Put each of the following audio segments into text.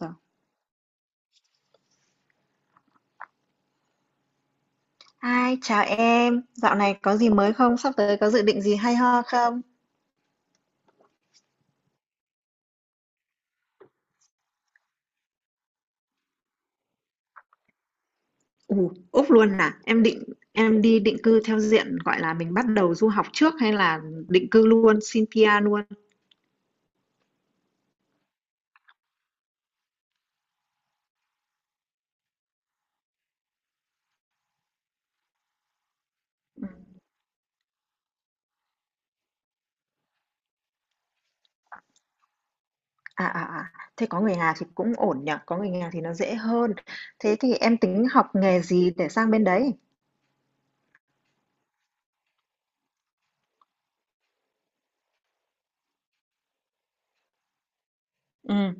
Rồi. Hi, chào em. Dạo này có gì mới không? Sắp tới có dự định gì hay ho không? Ủ, Úc luôn à? Em định Em đi định cư theo diện gọi là mình bắt đầu du học trước hay là định cư luôn, xin PR luôn? Ừ. Thế có người nhà thì cũng ổn nhỉ, có người nhà thì nó dễ hơn. Thế thì em tính học nghề gì để sang bên đấy? Ừ.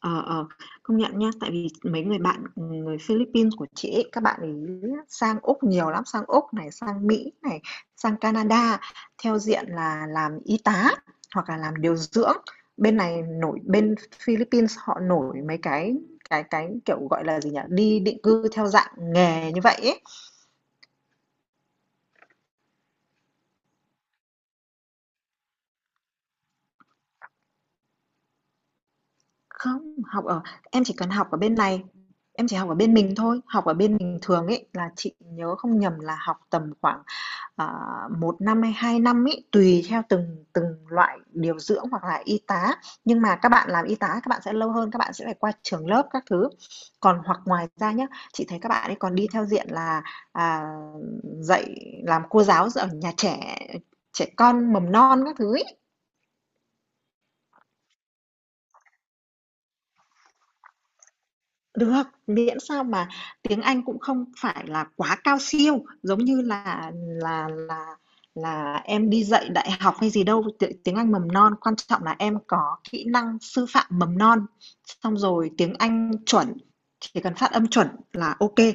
Ờ, ờ, Công nhận nhá, tại vì mấy người bạn, người Philippines của chị ấy, các bạn ấy sang Úc nhiều lắm, sang Úc này, sang Mỹ này, sang Canada theo diện là làm y tá hoặc là làm điều dưỡng. Bên này nổi bên Philippines họ nổi mấy cái cái, kiểu, gọi là gì nhỉ, đi định cư theo dạng nghề như vậy ấy. Không, học ở em chỉ cần học ở bên này, em chỉ học ở bên mình thôi, học ở bên mình thường ấy là chị nhớ không nhầm là học tầm khoảng à, 1 năm hay 2 năm ấy, tùy theo từng từng loại điều dưỡng hoặc là y tá. Nhưng mà các bạn làm y tá các bạn sẽ lâu hơn, các bạn sẽ phải qua trường lớp các thứ. Còn hoặc ngoài ra nhá, chị thấy các bạn ấy còn đi theo diện là, à, dạy làm cô giáo ở nhà trẻ, trẻ con mầm non các thứ ấy. Được, miễn sao mà tiếng Anh cũng không phải là quá cao siêu, giống như là là em đi dạy đại học hay gì đâu, tiếng tiếng Anh mầm non, quan trọng là em có kỹ năng sư phạm mầm non, xong rồi tiếng Anh chuẩn, chỉ cần phát âm chuẩn là ok kê.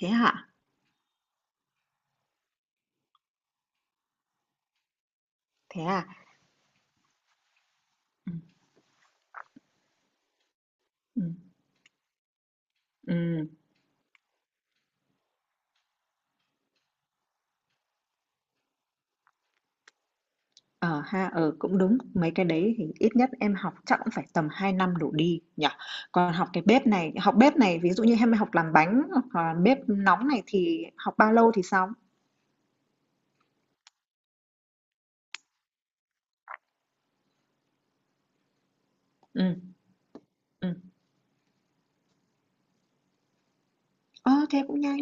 Thế hả? Thế à? Ừm, ừm, ừm. Ờ ha, ờ, cũng đúng. Mấy cái đấy thì ít nhất em học chắc cũng phải tầm 2 năm đổ đi nhỉ? Còn học cái bếp này, học bếp này ví dụ như em học làm bánh hoặc là bếp nóng này thì học bao lâu thì xong? Ừ, ừ. Ờ, thế cũng nhanh.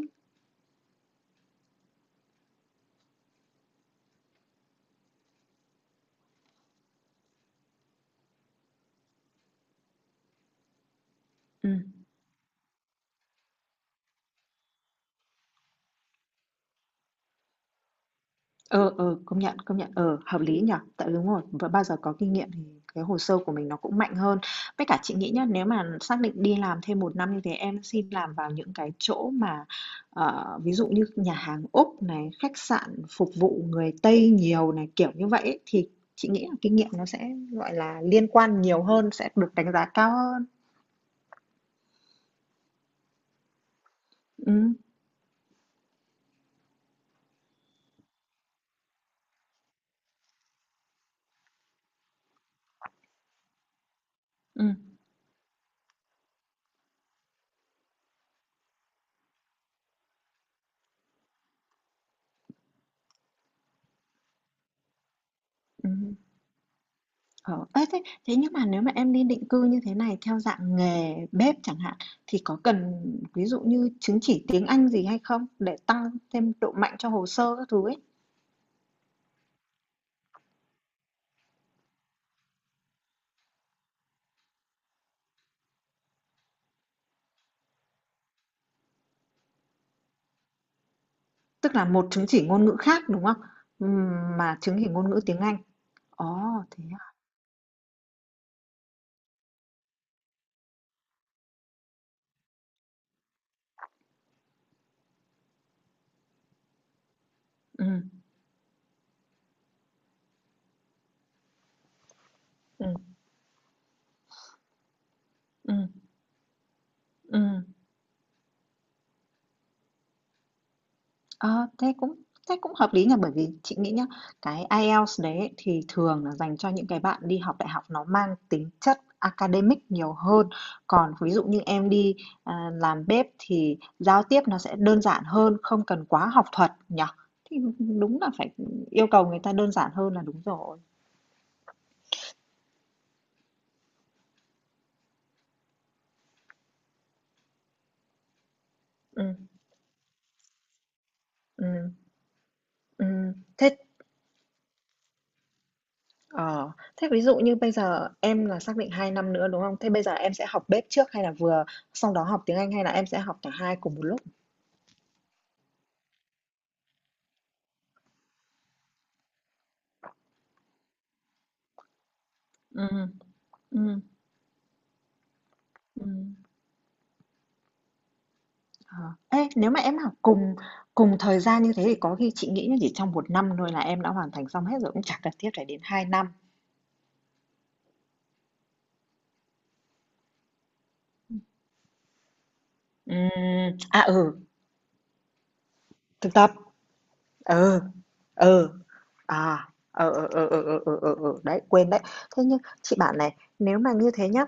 Ừ. Ờ, Công nhận, công nhận, ờ, hợp lý nhở. Tại đúng rồi, và bao giờ có kinh nghiệm thì cái hồ sơ của mình nó cũng mạnh hơn. Với cả chị nghĩ nhá, nếu mà xác định đi làm thêm một năm như thế, em xin làm vào những cái chỗ mà ví dụ như nhà hàng Úc này, khách sạn phục vụ người Tây nhiều này, kiểu như vậy ấy, thì chị nghĩ là kinh nghiệm nó sẽ gọi là liên quan nhiều hơn, sẽ được đánh giá cao hơn. Ừ, ừ, ừ. Ờ, ê, thế Thế nhưng mà nếu mà em đi định cư như thế này theo dạng nghề bếp chẳng hạn thì có cần ví dụ như chứng chỉ tiếng Anh gì hay không để tăng thêm độ mạnh cho hồ sơ các thứ ấy. Tức là một chứng chỉ ngôn ngữ khác đúng không? Ừm, Mà chứng chỉ ngôn ngữ tiếng Anh. Ồ, thế à? Ừ, ừ, ừ, ừ. Ờ, thế cũng thế cũng hợp lý nhỉ, bởi vì chị nghĩ nhá, cái IELTS đấy thì thường là dành cho những cái bạn đi học đại học nó mang tính chất academic nhiều hơn. Còn ví dụ như em đi làm bếp thì giao tiếp nó sẽ đơn giản hơn, không cần quá học thuật nhỉ. Thì đúng là phải yêu cầu người ta đơn giản hơn là đúng rồi. Ừ, ừ, ừ. Thế ờ, thế ví dụ như bây giờ em là xác định 2 năm nữa đúng không? Thế bây giờ em sẽ học bếp trước hay là vừa xong đó học tiếng Anh hay là em sẽ học cả hai cùng một lúc? Ừ, ừ, ừ. ờ. Ê, nếu mà em học cùng cùng thời gian như thế thì có khi chị nghĩ là chỉ trong một năm thôi là em đã hoàn thành xong hết rồi, cũng chẳng cần thiết phải đến hai năm. Ừm, à, ừ, thực tập, ừ, ừ, à, ờ, ờ, ờ, ờ, ờ, ờ, ờ, ờ, đấy, quên đấy. Thế nhưng chị bảo này, nếu mà như thế nhá,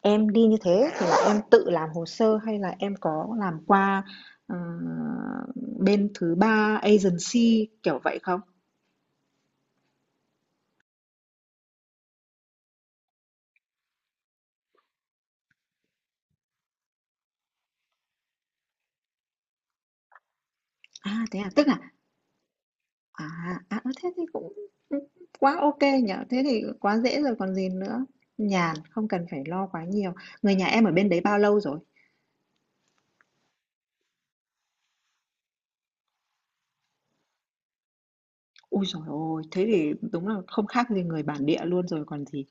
em đi như thế thì là em tự làm hồ sơ hay là em có làm qua ờ, bên thứ ba agency kiểu vậy không? À, thế à, tức là À, à, Thế thì cũng, quá ok nhở. Thế thì quá dễ rồi còn gì nữa. Nhàn, không cần phải lo quá nhiều. Người nhà em ở bên đấy bao lâu rồi? Ui giời ôi! Thế thì đúng là không khác gì người bản địa luôn rồi còn gì,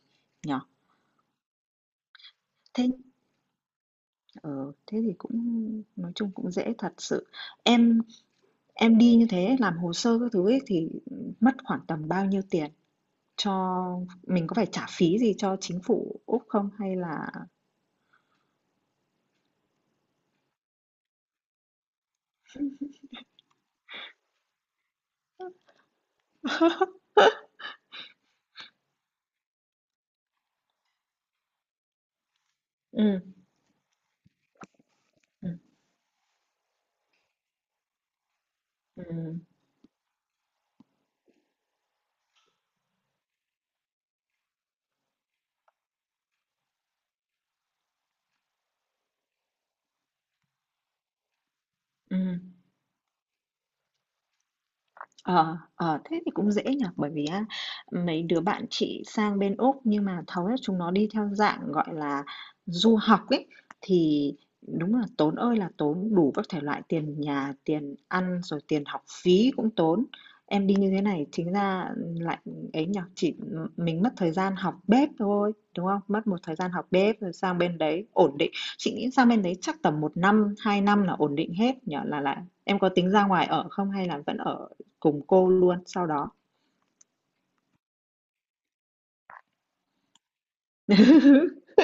nhở. Thế ờ, thế thì cũng Nói chung cũng dễ thật sự. Em em đi như thế làm hồ sơ các thứ ấy thì, mất khoảng tầm bao nhiêu tiền? Cho mình có phải trả phí gì cho chính phủ Úc không hay là ừm, ừm, ừm, ừm. Ờ, ờ, thế thì cũng dễ nhỉ, bởi vì á, mấy đứa bạn chị sang bên Úc nhưng mà hầu hết chúng nó đi theo dạng, gọi là, du học ấy, thì đúng là tốn ơi là tốn, đủ các thể loại tiền nhà, tiền ăn, rồi tiền học phí cũng tốn. Em đi như thế này chính ra lại ấy nhỉ, chỉ mình mất thời gian học bếp thôi, đúng không? Mất một thời gian học bếp rồi sang bên đấy ổn định. Chị nghĩ sang bên đấy chắc tầm một năm, 2 năm là ổn định hết nhỉ, là lại em có tính ra ngoài ở không hay là vẫn ở cùng cô luôn sau đó.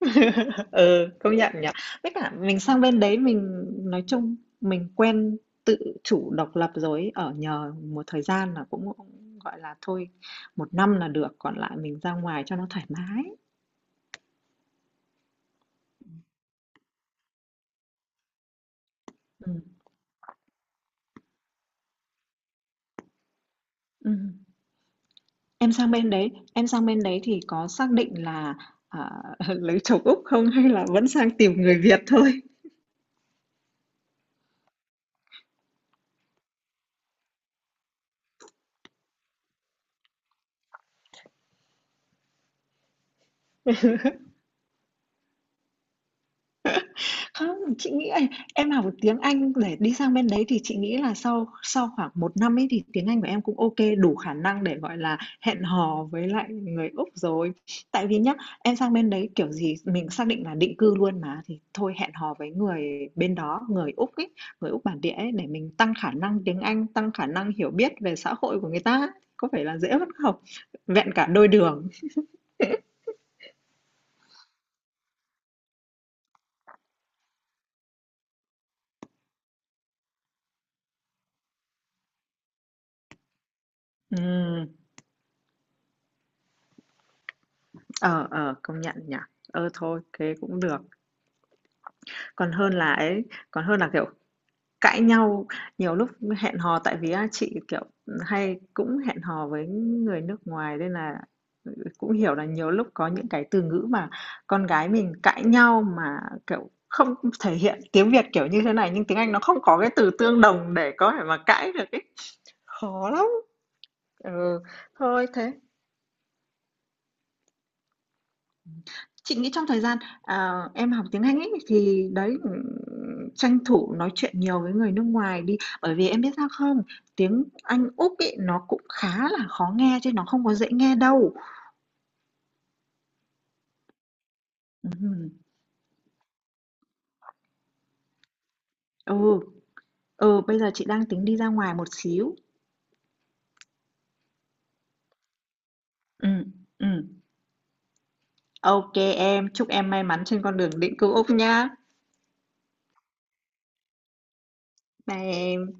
Ừ, công nhận nhỉ. Với cả mình sang bên đấy mình nói chung mình quen tự chủ độc lập rồi ấy, ở nhờ một thời gian là cũng cũng gọi là thôi, một năm là được, còn lại mình ra ngoài cho nó thoải mái. Ừm, ừm. Em sang bên đấy thì có xác định là, à, lấy chồng Úc không hay là vẫn sang tìm người Việt thôi? Không, chị nghĩ ấy, em học được tiếng Anh để đi sang bên đấy thì chị nghĩ là sau sau khoảng một năm ấy thì tiếng Anh của em cũng OK, đủ khả năng để, gọi là, hẹn hò với lại người Úc rồi. Tại vì nhá, em sang bên đấy kiểu gì mình xác định là định cư luôn mà, thì thôi hẹn hò với người bên đó, người Úc ấy, người Úc bản địa ấy, để mình tăng khả năng tiếng Anh, tăng khả năng hiểu biết về xã hội của người ta. Có phải là dễ hơn không? Vẹn cả đôi đường. Ừm, ờ, Công nhận nhỉ? Ờ, thôi, thế cũng được. Còn hơn là ấy, còn hơn là, kiểu, cãi nhau, nhiều lúc hẹn hò tại vì á chị, kiểu, hay cũng hẹn hò với người nước ngoài nên là ừ, cũng hiểu là nhiều lúc có những cái từ ngữ mà con gái mình cãi nhau mà, kiểu, không thể hiện tiếng Việt kiểu như thế này, nhưng tiếng Anh nó không có cái từ tương đồng để có thể mà cãi được ấy, khó lắm. Ừ, thôi thế Chị nghĩ trong thời gian, em học tiếng Anh ấy, thì đấy, tranh thủ nói chuyện nhiều với người nước ngoài đi. Bởi vì em biết sao không? Tiếng Anh Úc ấy, nó cũng khá là khó nghe chứ nó không có dễ nghe đâu. Ừm, ừ, Bây giờ chị đang tính đi ra ngoài một xíu. ừ ừ ok em, chúc em may mắn trên con đường định cư Úc nha. Bye em.